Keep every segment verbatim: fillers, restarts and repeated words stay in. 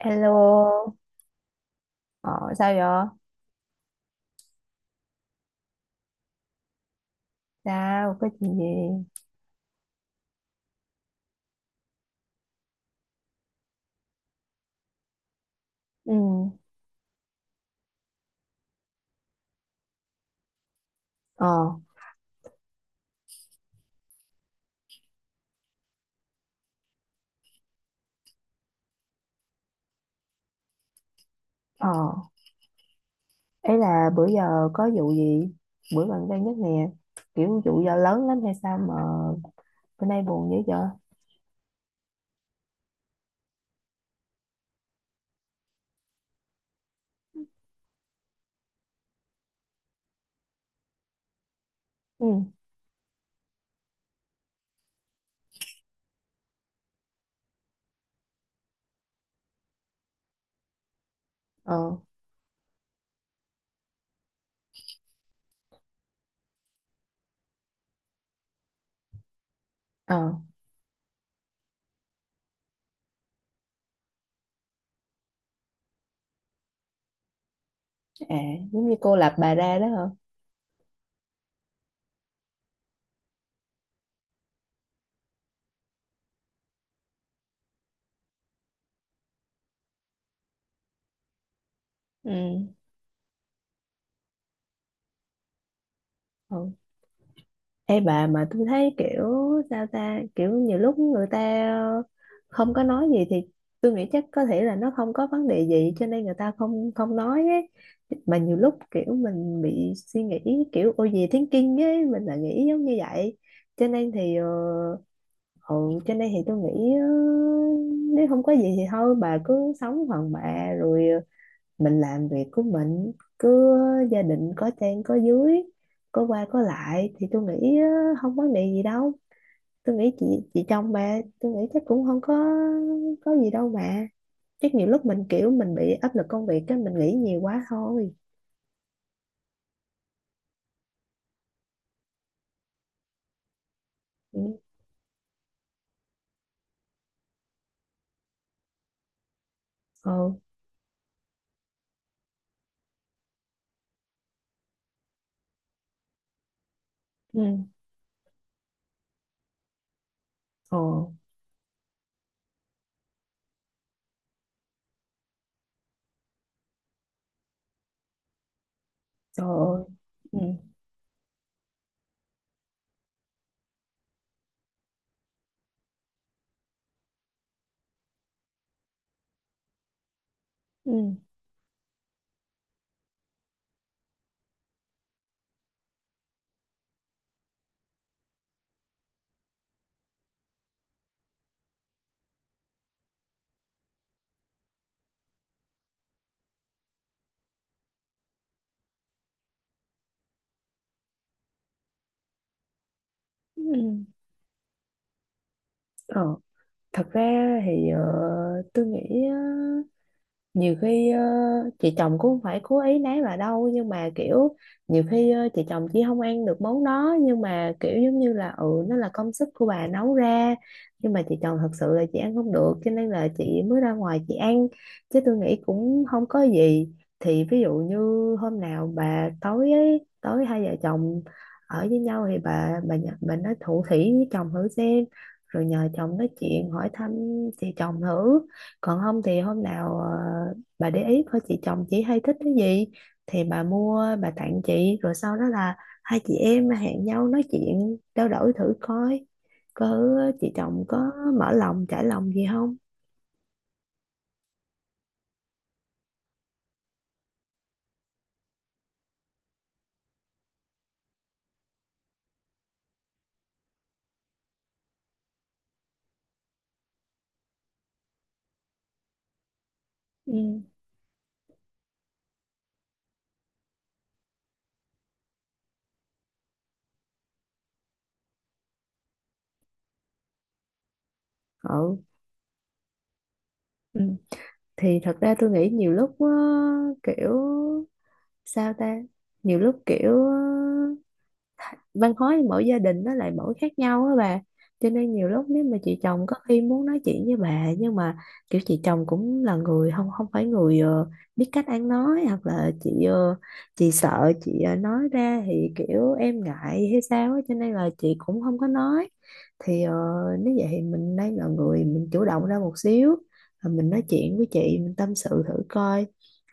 Hello. Ờ. Sao vậy? Sao, có chuyện gì? Ừ. Ờ. Ờ. Ấy là bữa giờ có vụ gì? Bữa gần đây nhất nè, kiểu vụ giờ lớn lắm hay sao mà bữa nay buồn dữ vậy? Ừ. Ờ. Ờ. À, giống như cô lập bà ra đó hả? Ừ. Ừ. Ê bà, mà tôi thấy kiểu sao ta, kiểu nhiều lúc người ta không có nói gì thì tôi nghĩ chắc có thể là nó không có vấn đề gì cho nên người ta không không nói ấy, mà nhiều lúc kiểu mình bị suy nghĩ kiểu ô gì thinking ấy, mình lại nghĩ giống như vậy cho nên thì ờ, ừ, cho nên thì tôi nghĩ ờ, nếu không có gì thì thôi bà cứ sống phần bà rồi ờ, mình làm việc của mình, cứ gia đình có trên có dưới, có qua có lại thì tôi nghĩ á, không vấn đề gì đâu, tôi nghĩ chị chị chồng, mà tôi nghĩ chắc cũng không có có gì đâu mà, chắc nhiều lúc mình kiểu mình bị áp lực công việc, cái mình nghĩ nhiều quá thôi. Ừ, ừ, ừ, ừ. Trời ơi. Ừ, ừ, ừ, ừ. Ờ, thật ra thì ờ, tôi nghĩ á, nhiều khi ờ, chị chồng cũng không phải cố ý nấy bà đâu, nhưng mà kiểu nhiều khi ờ, chị chồng chỉ không ăn được món đó, nhưng mà kiểu giống như là ừ nó là công sức của bà nấu ra, nhưng mà chị chồng thật sự là chị ăn không được cho nên là chị mới ra ngoài chị ăn, chứ tôi nghĩ cũng không có gì. Thì ví dụ như hôm nào bà tối ấy, tối hai vợ chồng ở với nhau thì bà bà nhờ- bà nói thủ thỉ với chồng thử xem, rồi nhờ chồng nói chuyện hỏi thăm chị chồng thử. Còn không thì hôm nào ờ, bà để ý coi chị chồng chị hay thích cái gì thì bà mua bà tặng chị, rồi sau đó là hai chị em hẹn nhau nói chuyện trao đổi thử coi có chị chồng có mở lòng trải lòng gì không. Ừ, ừ, ừ. Thì thật ra tôi nghĩ nhiều lúc ờ, kiểu sao ta, nhiều lúc kiểu văn hóa mỗi gia đình nó lại mỗi khác nhau á bà, cho nên nhiều lúc nếu mà chị chồng có khi muốn nói chuyện với bà, nhưng mà kiểu chị chồng cũng là người không không phải người ờ, biết cách ăn nói, hoặc là chị ờ, chị sợ chị ờ, nói ra thì kiểu em ngại hay sao á, cho nên là chị cũng không có nói. Thì ờ, nếu vậy thì mình đang là người mình chủ động ra một xíu. Rồi mình nói chuyện với chị mình tâm sự thử coi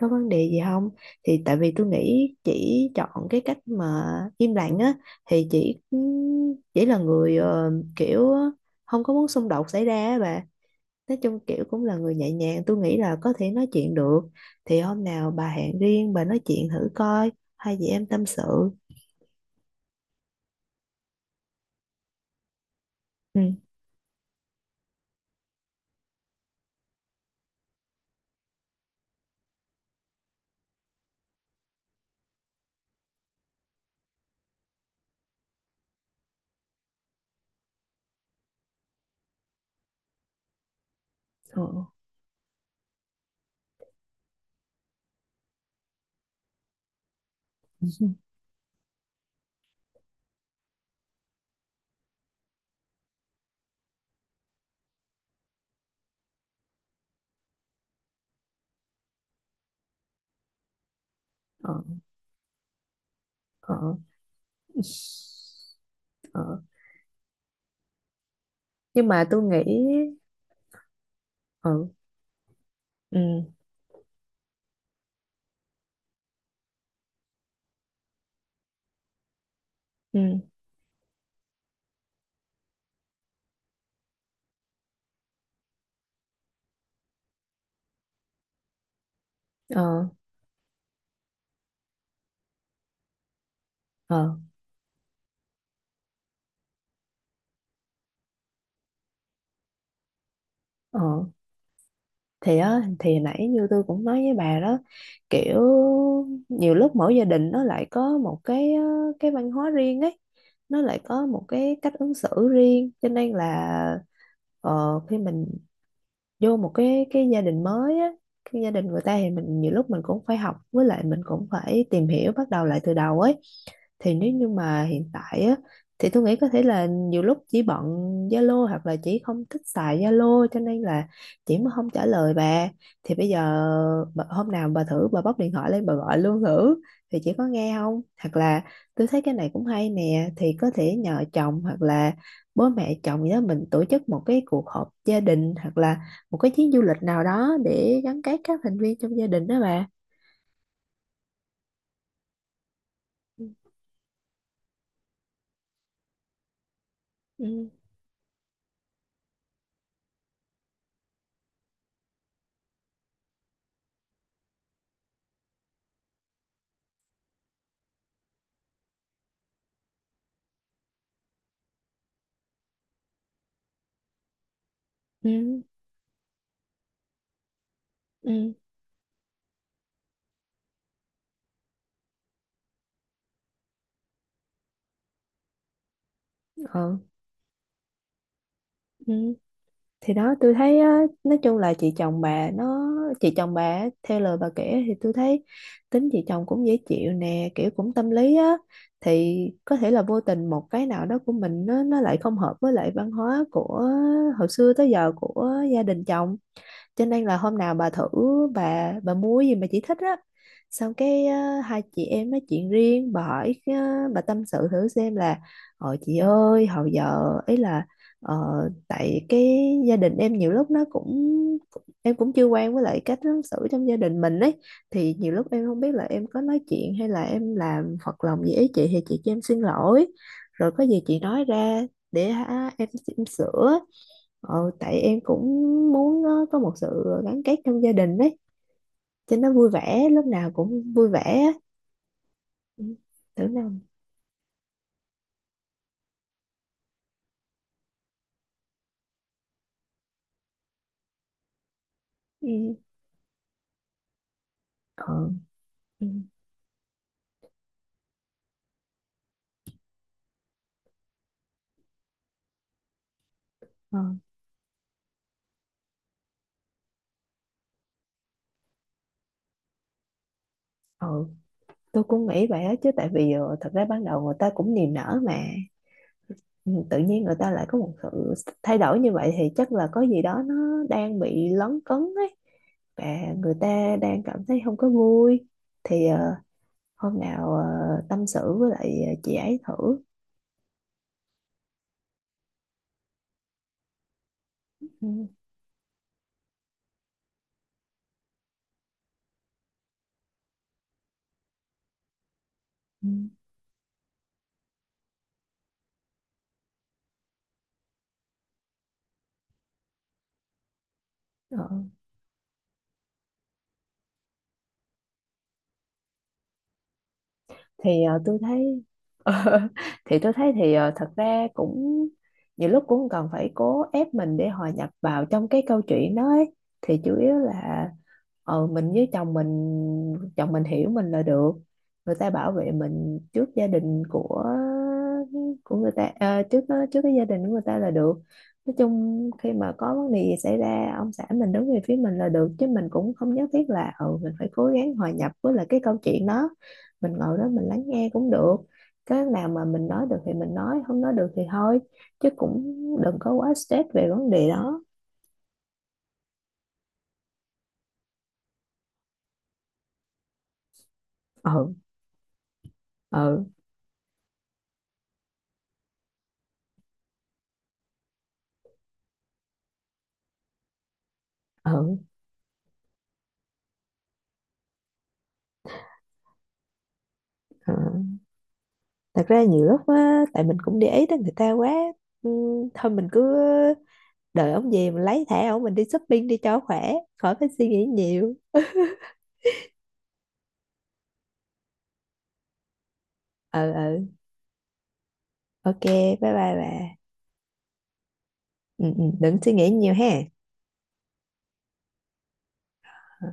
có vấn đề gì không. Thì tại vì tôi nghĩ chỉ chọn cái cách mà im lặng á, thì chỉ chỉ là người ờ, kiểu ờ, không có muốn xung đột xảy ra á bà, nói chung kiểu cũng là người nhẹ nhàng, tôi nghĩ là có thể nói chuyện được. Thì hôm nào bà hẹn riêng bà nói chuyện thử coi, hai chị em tâm sự. Ừ. Ờ. Ờ. Ờ. Ờ. Nhưng mà tôi nghĩ. Ừ, ừ, ừ. Ờ, ờ, ờ. Thì á, thì nãy như tôi cũng nói với bà đó, kiểu nhiều lúc mỗi gia đình nó lại có một cái ờ, cái văn hóa riêng ấy, nó lại có một cái cách ứng xử riêng cho nên là ờ, khi mình vô một cái cái gia đình mới á, cái gia đình người ta thì mình nhiều lúc mình cũng phải học, với lại mình cũng phải tìm hiểu bắt đầu lại từ đầu ấy. Thì nếu như mà hiện tại á thì tôi nghĩ có thể là nhiều lúc chỉ bận Zalo hoặc là chỉ không thích xài Zalo cho nên là chị mới không trả lời bà. Thì bây giờ bà- hôm nào bà thử bà bóc điện thoại lên bà gọi luôn thử, thì chị có nghe không, hoặc là tôi thấy cái này cũng hay nè, thì có thể nhờ chồng hoặc là bố mẹ chồng gì đó, mình tổ chức một cái cuộc họp gia đình, hoặc là một cái chuyến du lịch nào đó để gắn kết các thành viên trong gia đình đó bà. Ừ, ừ, ừ, ừ. Ờ. Ừ. Thì đó tôi thấy á, nói chung là chị chồng bà nó, chị chồng bà á, theo lời bà kể thì tôi thấy tính chị chồng cũng dễ chịu nè, kiểu cũng tâm lý á, thì có thể là vô tình một cái nào đó của mình, nó nó lại không hợp với lại văn hóa của hồi xưa tới giờ của gia đình chồng, cho nên là hôm nào bà thử bà bà mua gì mà chị thích á, xong cái ờ, hai chị em nói chuyện riêng bà hỏi ờ, bà tâm sự thử xem là: ờ chị ơi hồi giờ ấy là ờ, tại cái gia đình em nhiều lúc nó cũng em cũng chưa quen với lại cách ứng xử trong gia đình mình ấy, thì nhiều lúc em không biết là em có nói chuyện hay là em làm phật lòng gì ấy, chị thì chị cho em xin lỗi, rồi có gì chị nói ra để hả, em, em sửa. Ờ, tại em cũng muốn ờ, có một sự gắn kết trong gia đình ấy cho nó vui vẻ, lúc nào cũng vui vẻ á. Ừ, tưởng đâu. Ừ, ờ, ừ, ờ, ờ. Tôi cũng nghĩ vậy á, chứ tại vì ờ, thật ra ban đầu người ta cũng niềm nở mà. Ừ, tự nhiên người ta lại có một sự thay đổi như vậy thì chắc là có gì đó nó đang bị lấn cấn ấy, và người ta đang cảm thấy không có vui. Thì ờ, hôm nào ờ, tâm sự với lại ờ, chị ấy thử. Ừ, ừ, ờ. Thì ờ, tôi thấy thì tôi thấy thì ờ, thật ra cũng nhiều lúc cũng không cần phải cố ép mình để hòa nhập vào trong cái câu chuyện đó ấy. Thì chủ yếu là ờ, mình với chồng mình, chồng mình hiểu mình là được, người ta bảo vệ mình trước gia đình của của người ta, ờ, trước trước cái gia đình của người ta là được. Nói chung khi mà có vấn đề gì xảy ra ông xã mình đứng về phía mình là được, chứ mình cũng không nhất thiết là ừ mình phải cố gắng hòa nhập với lại cái câu chuyện đó, mình ngồi đó mình lắng nghe cũng được, cái nào mà mình nói được thì mình nói, không nói được thì thôi, chứ cũng đừng có quá stress về vấn đề đó. Ừ, ừ, ừ. Ờ. Thật ra nhiều lúc á tại mình cũng để ý tới người ta quá. Ừ, thôi mình cứ đợi ông về mình lấy thẻ ông mình đi shopping đi cho khỏe, khỏi phải suy nghĩ nhiều. Ừ, ừ. Ok, bye bye bà. Ừ, ừ, đừng suy nghĩ nhiều ha. Ừ.